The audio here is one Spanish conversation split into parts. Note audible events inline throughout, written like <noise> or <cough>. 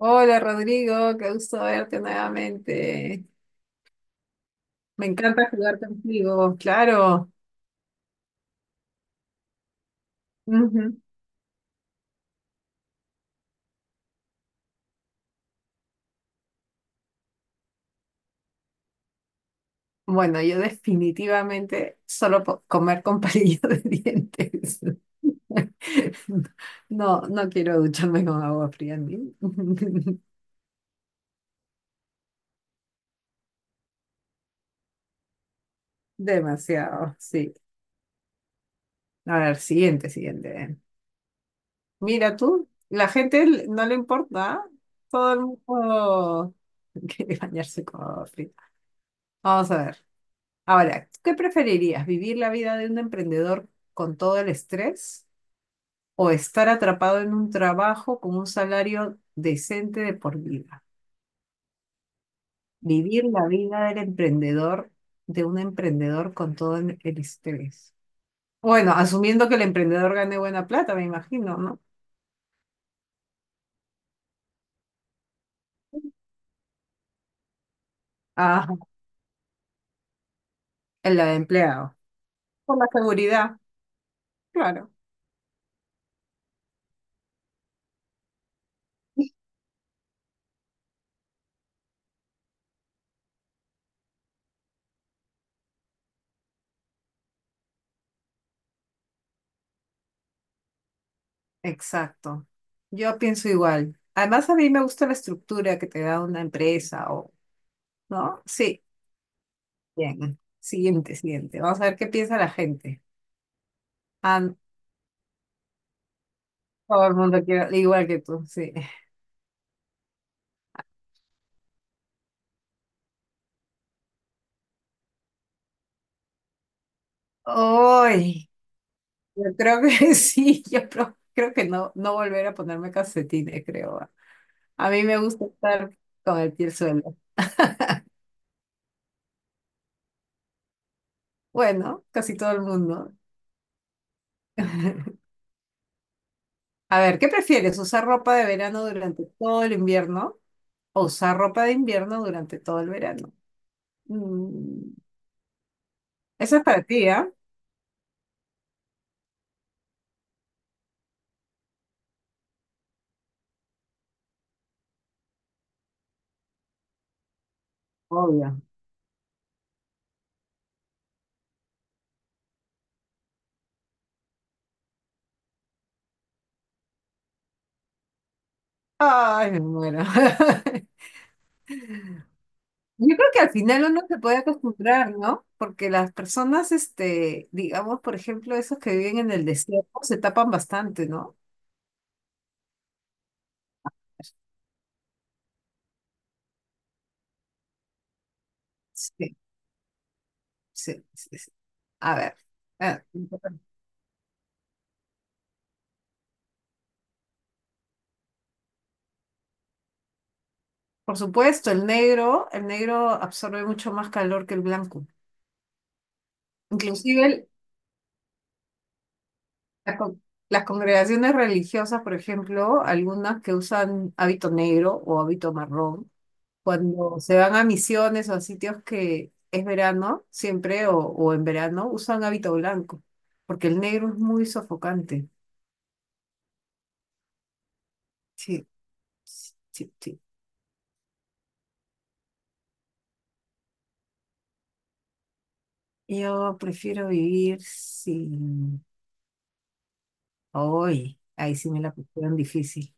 Hola Rodrigo, qué gusto verte nuevamente. Me encanta jugar contigo, claro. Ujú. Bueno, yo definitivamente solo po- comer con <laughs> palillos de dientes. <laughs> No, no quiero ducharme con agua fría ni. <laughs> Demasiado, sí. A ver, siguiente. Mira tú, la gente l- no le importa, ¿ah? Todo el mundo <laughs> quiere bañarse con agua fría. Vamos a ver. Ahora, ¿qué preferirías? ¿Vivir la vida de un emprendedor con todo el estrés o estar atrapado en un trabajo con un salario decente de por vida? Vivir la vida del emprendedor, de un emprendedor con todo el estrés. Bueno, asumiendo que el emprendedor gane buena plata, me imagino, ¿no? Ah, el de empleado. Por la seguridad, claro. Exacto. Yo pienso igual. Además, a mí me gusta la estructura que te da una empresa o, ¿no? Sí. Bien, siguiente. Vamos a ver qué piensa la gente. Ah, no, todo el mundo quiere, igual que tú, sí. Uy, yo creo que <laughs> sí, yo pro- creo que no, no volver a ponerme calcetines, creo. A mí me gusta estar con el pie al suelo. Bueno, casi todo el mundo. <laughs> A ver, ¿qué prefieres? ¿Usar ropa de verano durante todo el invierno o usar ropa de invierno durante todo el verano? Mm, eso es para ti, ¿ah? Obvio. Ay, me muero. <laughs> Yo creo que al final uno se puede acostumbrar, ¿no? Porque las personas, digamos, por ejemplo, esos que viven en el desierto, se tapan bastante, ¿no? Sí, sí, sí, sí. A ver. Ah, por supuesto, el negro absorbe mucho más calor que el blanco. Inclusive el- la con- las congregaciones religiosas, por ejemplo, algunas que usan hábito negro o hábito marrón, cuando se van a misiones o a sitios que es verano, siempre o en verano, usan hábito blanco, porque el negro es muy sofocante. Sí, sí, sí. Sí. Yo prefiero vivir sin... Hoy, ahí sí me la pusieron difícil.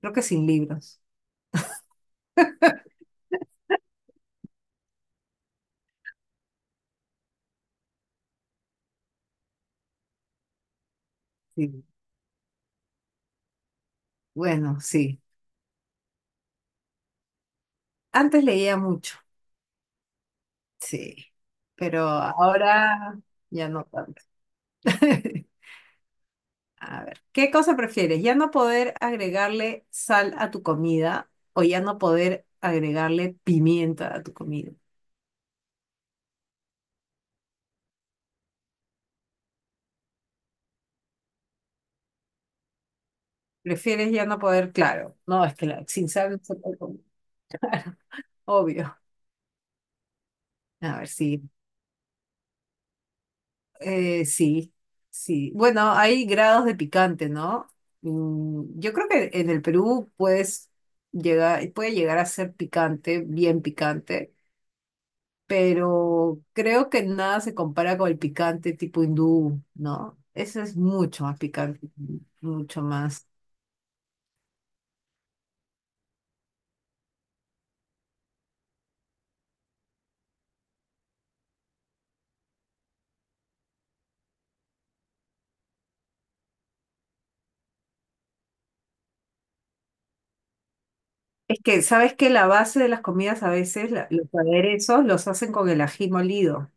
Creo que sin libros. Sí. Bueno, sí. Antes leía mucho, sí, pero ahora ya no tanto. <laughs> A ver, ¿qué cosa prefieres? ¿Ya no poder agregarle sal a tu comida o ya no poder agregarle pimienta a tu comida? ¿Prefieres ya no poder? Claro, no, es que la- sin sal no se puede comer, obvio. A ver, sí, sí, sí. Bueno, hay grados de picante, ¿no? Yo creo que en el Perú puede llegar a ser picante, bien picante. Pero creo que nada se compara con el picante tipo hindú, ¿no? Eso es mucho más picante, mucho más. Es que, ¿sabes que La base de las comidas a veces, la- los aderezos, los hacen con el ají molido.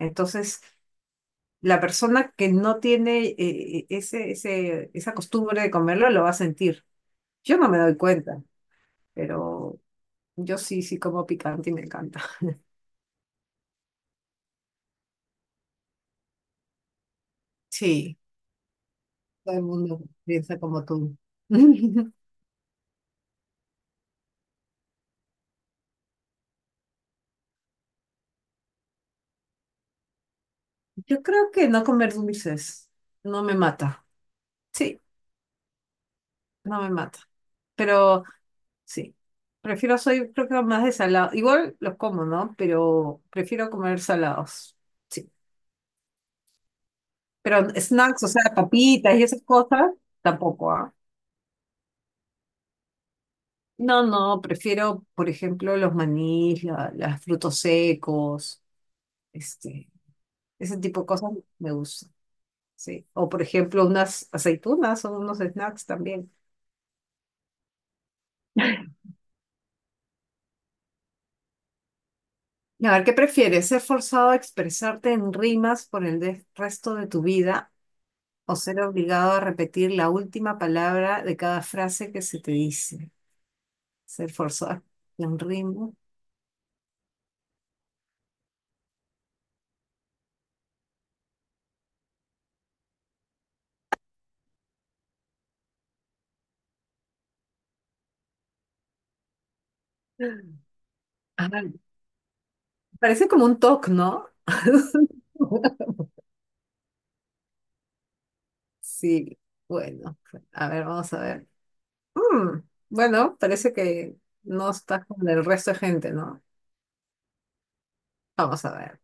Entonces, la persona que no tiene esa costumbre de comerlo lo va a sentir. Yo no me doy cuenta, pero yo sí, sí como picante y me encanta. Sí, todo el mundo piensa como tú. <laughs> Yo creo que no comer dulces no me mata. Sí, no me mata. Pero sí, prefiero, soy creo que más de salado. Igual los como, ¿no? Pero prefiero comer salados. Sí. Pero snacks, o sea, papitas y esas cosas, tampoco, ¿ah? No, no, prefiero, por ejemplo, los manís, la- las frutos secos, este, ese tipo de cosas me gusta. Sí. O por ejemplo, unas aceitunas o unos snacks también. A ver, ¿qué prefieres? ¿Ser forzado a expresarte en rimas por el de- resto de tu vida o ser obligado a repetir la última palabra de cada frase que se te dice? Ser forzado en rima. Ah, parece como un TOC, ¿no? <laughs> Sí, bueno, a ver, vamos a ver. Mm, bueno, parece que no estás con el resto de gente, ¿no? Vamos a ver.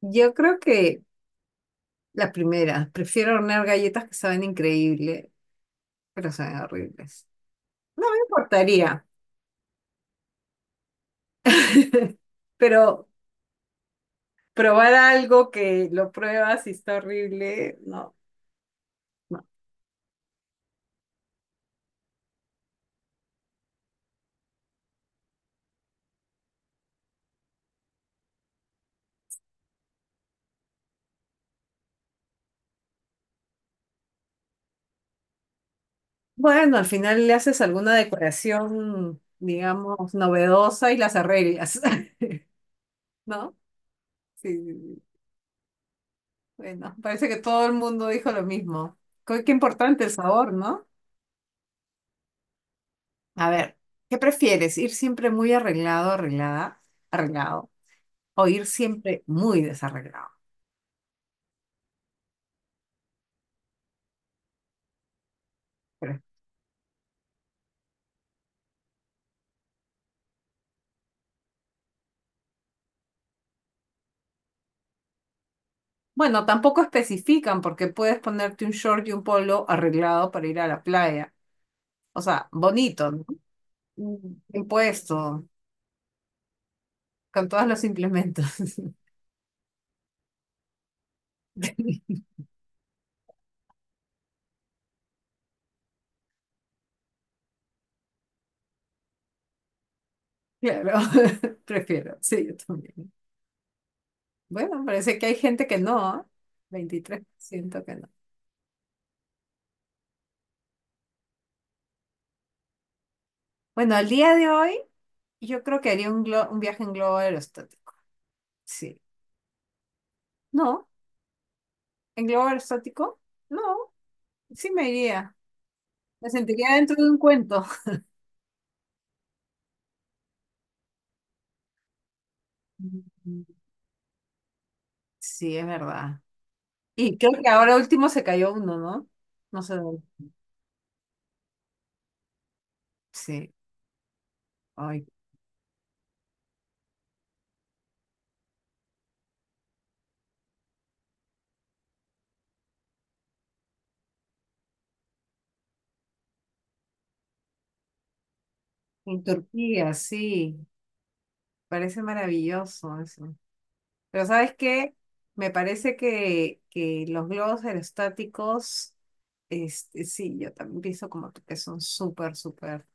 Yo creo que la primera, prefiero hornear galletas que saben increíble, pero saben horribles. No me importaría, <laughs> pero probar algo que lo pruebas y está horrible, no, no. Bueno, al final le haces alguna decoración, digamos, novedosa y las arreglas, <laughs> ¿no? Sí, sí, sí. Bueno, parece que todo el mundo dijo lo mismo. Qué, qué importante el sabor, ¿no? A ver, ¿qué prefieres? ¿Ir siempre muy arreglado, arreglada, arreglado, o ir siempre muy desarreglado? Bueno, tampoco especifican porque puedes ponerte un short y un polo arreglado para ir a la playa. O sea, bonito, ¿no? Mm, bien puesto, con todos los implementos. <laughs> Claro, <laughs> prefiero, sí, yo también. Bueno, parece que hay gente que no, ¿ah? 23% que no. Bueno, al día de hoy, yo creo que haría un, glo- un viaje en globo aerostático. Sí. No, en globo aerostático, no, sí me iría. Me sentiría dentro de un cuento. Mm, sí, es verdad. Y creo que ahora último se cayó uno, ¿no? No sé dónde. Sí, ay. En Turquía, sí. Parece maravilloso eso. Pero ¿sabes qué? Me parece que los globos aerostáticos, sí, yo también pienso como tú, que son súper, súper,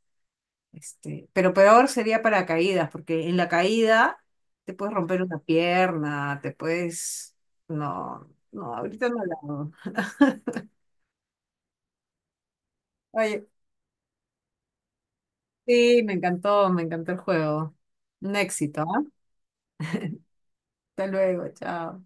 pero peor sería para caídas, porque en la caída te puedes romper una pierna, te puedes, no, no, ahorita no la hago. Oye, sí, me encantó el juego. Un éxito, ¿ah? Hasta luego, chao.